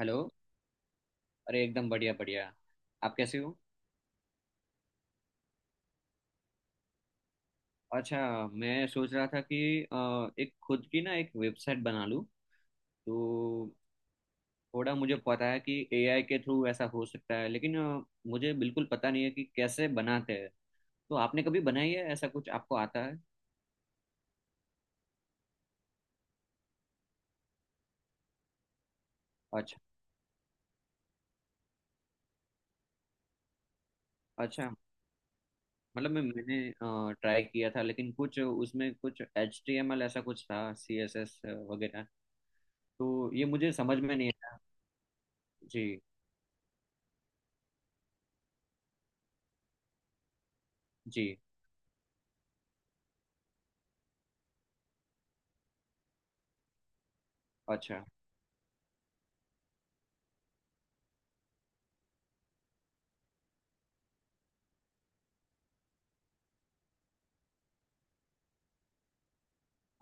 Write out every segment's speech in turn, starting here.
Hello. अरे एकदम बढ़िया बढ़िया। आप कैसे हो? अच्छा। मैं सोच रहा था कि एक खुद की ना एक वेबसाइट बना लूँ तो थोड़ा मुझे पता है कि एआई के थ्रू ऐसा हो सकता है, लेकिन मुझे बिल्कुल पता नहीं है कि कैसे बनाते हैं। तो आपने कभी बनाई है ऐसा कुछ? आपको आता है? अच्छा। अच्छा। मतलब मैंने ट्राई किया था, लेकिन कुछ उसमें कुछ HTML ऐसा कुछ था, CSS वगैरह। तो ये मुझे समझ में नहीं आया। जी। जी। अच्छा।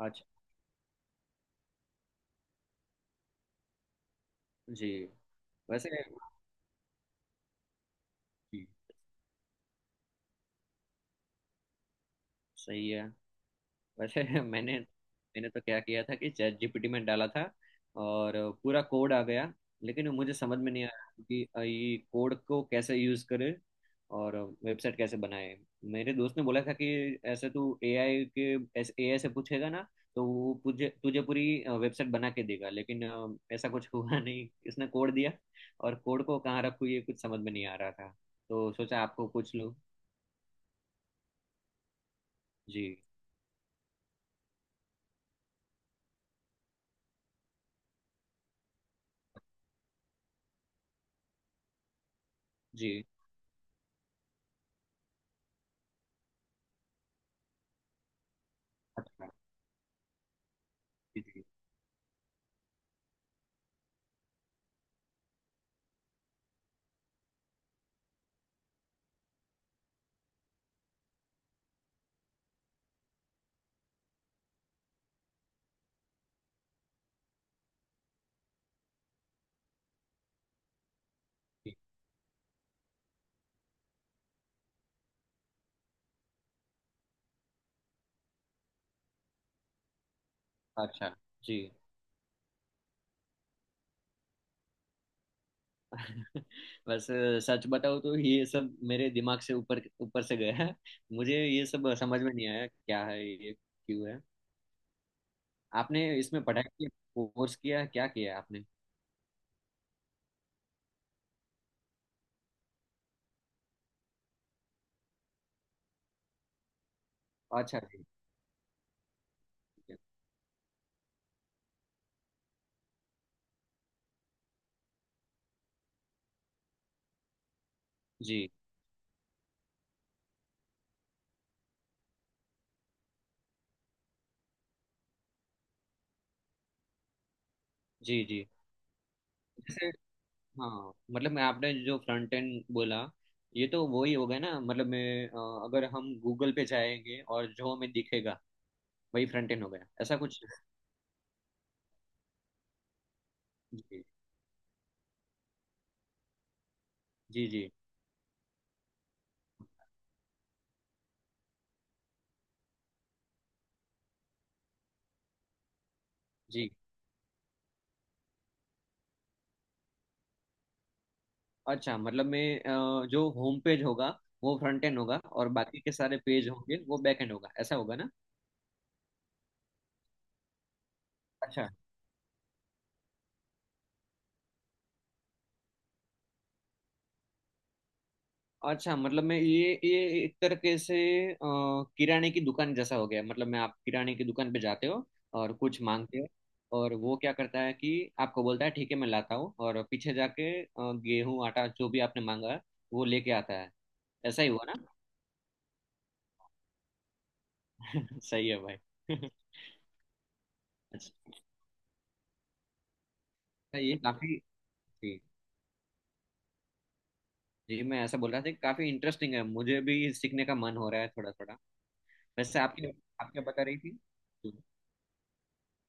अच्छा। जी। वैसे जी, सही है। वैसे मैंने मैंने तो क्या किया था कि चैट जीपीटी में डाला था और पूरा कोड आ गया। लेकिन वो मुझे समझ में नहीं आया कि ये कोड को कैसे यूज करे और वेबसाइट कैसे बनाए। मेरे दोस्त ने बोला था कि ऐसे तू एआई से पूछेगा ना तो वो तुझे तुझे पूरी वेबसाइट बना के देगा, लेकिन ऐसा कुछ हुआ नहीं। इसने कोड दिया और कोड को कहाँ रखूँ ये कुछ समझ में नहीं आ रहा था। तो सोचा आपको पूछ लूँ। जी। जी। अच्छा। जी जी जी, अच्छा जी। बस सच बताऊं तो ये सब मेरे दिमाग से ऊपर ऊपर से गया है। मुझे ये सब समझ में नहीं आया, क्या है ये, क्यों है। आपने इसमें पढ़ाई की? कोर्स किया है? क्या किया है आपने? अच्छा जी। ठीक है। जी। जी। जी। जैसे हाँ, मतलब मैं, आपने जो फ्रंट एंड बोला ये तो वही हो गया ना। मतलब मैं अगर हम गूगल पे जाएंगे और जो हमें दिखेगा वही फ्रंट एंड हो गया, ऐसा कुछ? जी जी जी जी। अच्छा। मतलब मैं जो होम पेज होगा वो फ्रंट एंड होगा और बाकी के सारे पेज होंगे वो बैक एंड होगा, ऐसा होगा ना? अच्छा। अच्छा मतलब मैं ये एक तरीके से अ, किराने की दुकान जैसा हो गया। मतलब मैं आप किराने की दुकान पे जाते हो और कुछ मांगते हो, और वो क्या करता है कि आपको बोलता है ठीक है मैं लाता हूँ, और पीछे जाके गेहूं आटा जो भी आपने मांगा है वो लेके आता है। ऐसा ही हुआ ना? सही है भाई। अच्छा, ये काफी। जी। जी, मैं ऐसा बोल रहा था कि काफी इंटरेस्टिंग है। मुझे भी सीखने का मन हो रहा है थोड़ा थोड़ा। वैसे आपकी, आप क्या बता रही थी? जी।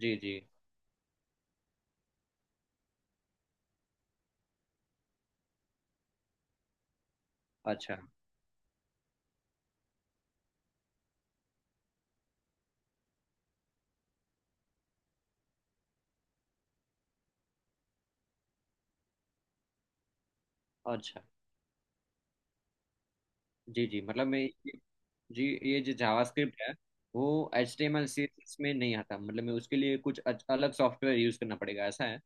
जी जी। अच्छा। अच्छा जी। जी मतलब मैं, जी ये जो जावास्क्रिप्ट है वो HTML CSS में नहीं आता। मतलब मैं उसके लिए कुछ अलग सॉफ्टवेयर यूज करना पड़ेगा, ऐसा है?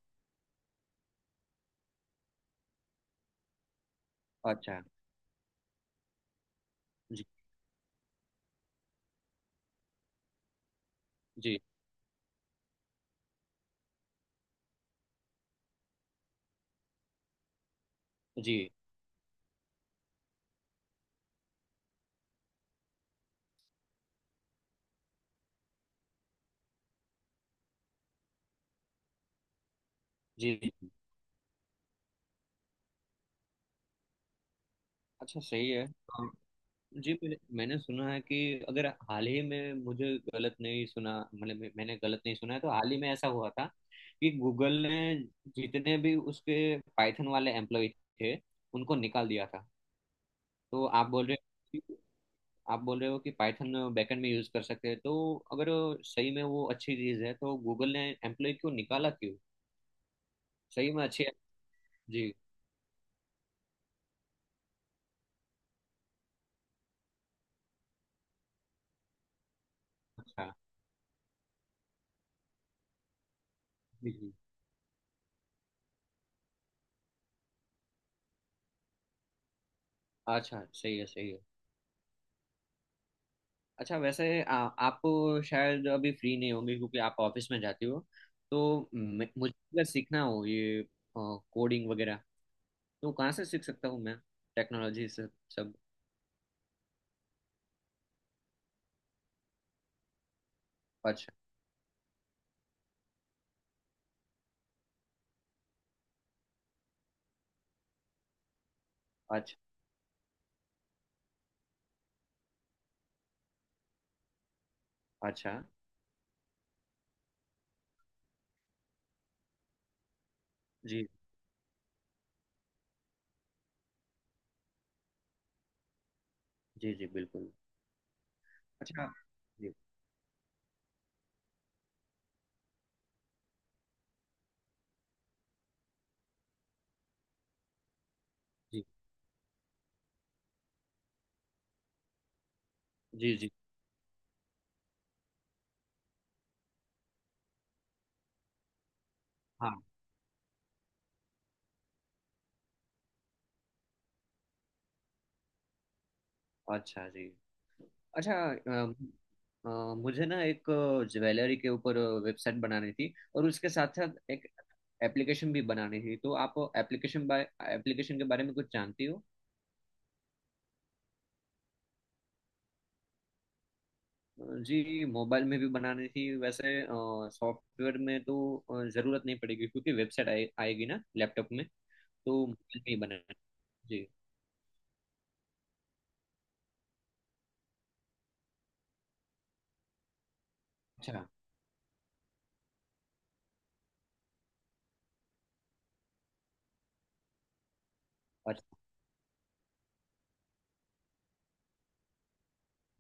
अच्छा। जी। जी। जी। जी जी। अच्छा सही है। जी मैंने मैंने सुना है कि अगर हाल ही में मुझे गलत नहीं सुना, मतलब मैंने गलत नहीं सुना है, तो हाल ही में ऐसा हुआ था कि गूगल ने जितने भी उसके पाइथन वाले एम्प्लॉय थे उनको निकाल दिया था। तो आप बोल रहे हो कि पाइथन बैकएंड में यूज कर सकते हैं, तो अगर सही में वो अच्छी चीज है तो गूगल ने एम्प्लॉय क्यों निकाला, क्यों? सही में अच्छी है? जी। अच्छा। जी। जी। अच्छा सही है सही है। अच्छा वैसे आप शायद अभी फ्री नहीं होंगे क्योंकि आप ऑफिस में जाती हो, तो मुझे अगर सीखना हो ये कोडिंग वगैरह तो कहाँ से सीख सकता हूँ मैं, टेक्नोलॉजी से सब? अच्छा। अच्छा। अच्छा। जी जी जी, बिल्कुल। अच्छा जी। जी जी जी। हाँ। अच्छा जी। अच्छा मुझे ना एक ज्वेलरी के ऊपर वेबसाइट बनानी थी, और उसके साथ साथ एक एप्लीकेशन भी बनानी थी। तो आप एप्लीकेशन, बाय एप्लीकेशन के बारे में कुछ जानती हो? जी मोबाइल में भी बनानी थी। वैसे सॉफ्टवेयर में तो जरूरत नहीं पड़ेगी क्योंकि वेबसाइट आएगी ना लैपटॉप में। तो मोबाइल में ही बनाना है। जी। अच्छा। अच्छा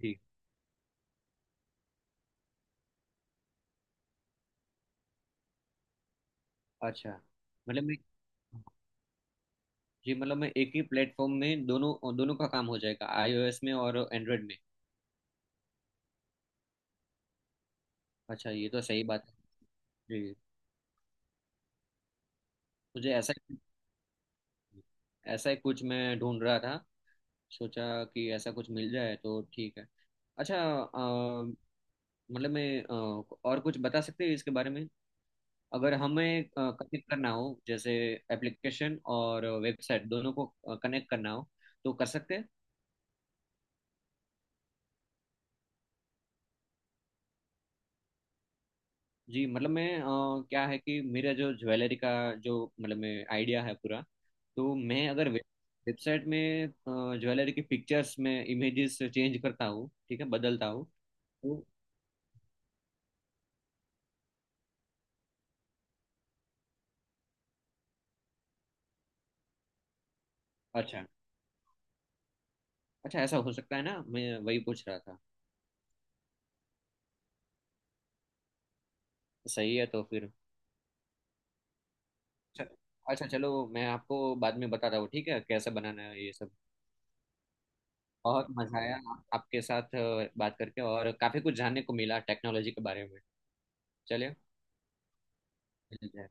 जी। अच्छा मतलब मैं, जी मतलब मैं एक ही प्लेटफॉर्म में दोनों दोनों का काम हो जाएगा, आईओएस में और एंड्रॉयड में? अच्छा, ये तो सही बात है। जी मुझे ऐसा ही कुछ मैं ढूंढ रहा था। सोचा कि ऐसा कुछ मिल जाए तो ठीक है। अच्छा मतलब मैं और कुछ बता सकते हैं इसके बारे में? अगर हमें कनेक्ट करना हो, जैसे एप्लीकेशन और वेबसाइट दोनों को कनेक्ट करना हो, तो कर सकते हैं? जी मतलब मैं क्या है कि मेरा जो ज्वेलरी का जो मतलब मैं आइडिया है पूरा। तो मैं अगर वेबसाइट में ज्वेलरी की पिक्चर्स में इमेजेस चेंज करता हूँ, ठीक है, बदलता हूँ तो, अच्छा। अच्छा ऐसा हो सकता है ना? मैं वही पूछ रहा था। सही है तो फिर, च- अच्छा चलो मैं आपको बाद में बताता हूँ, ठीक है, कैसे बनाना है ये सब। बहुत मजा आया आपके साथ बात करके, और काफी कुछ जानने को मिला टेक्नोलॉजी के बारे में। चलिए मिलते हैं।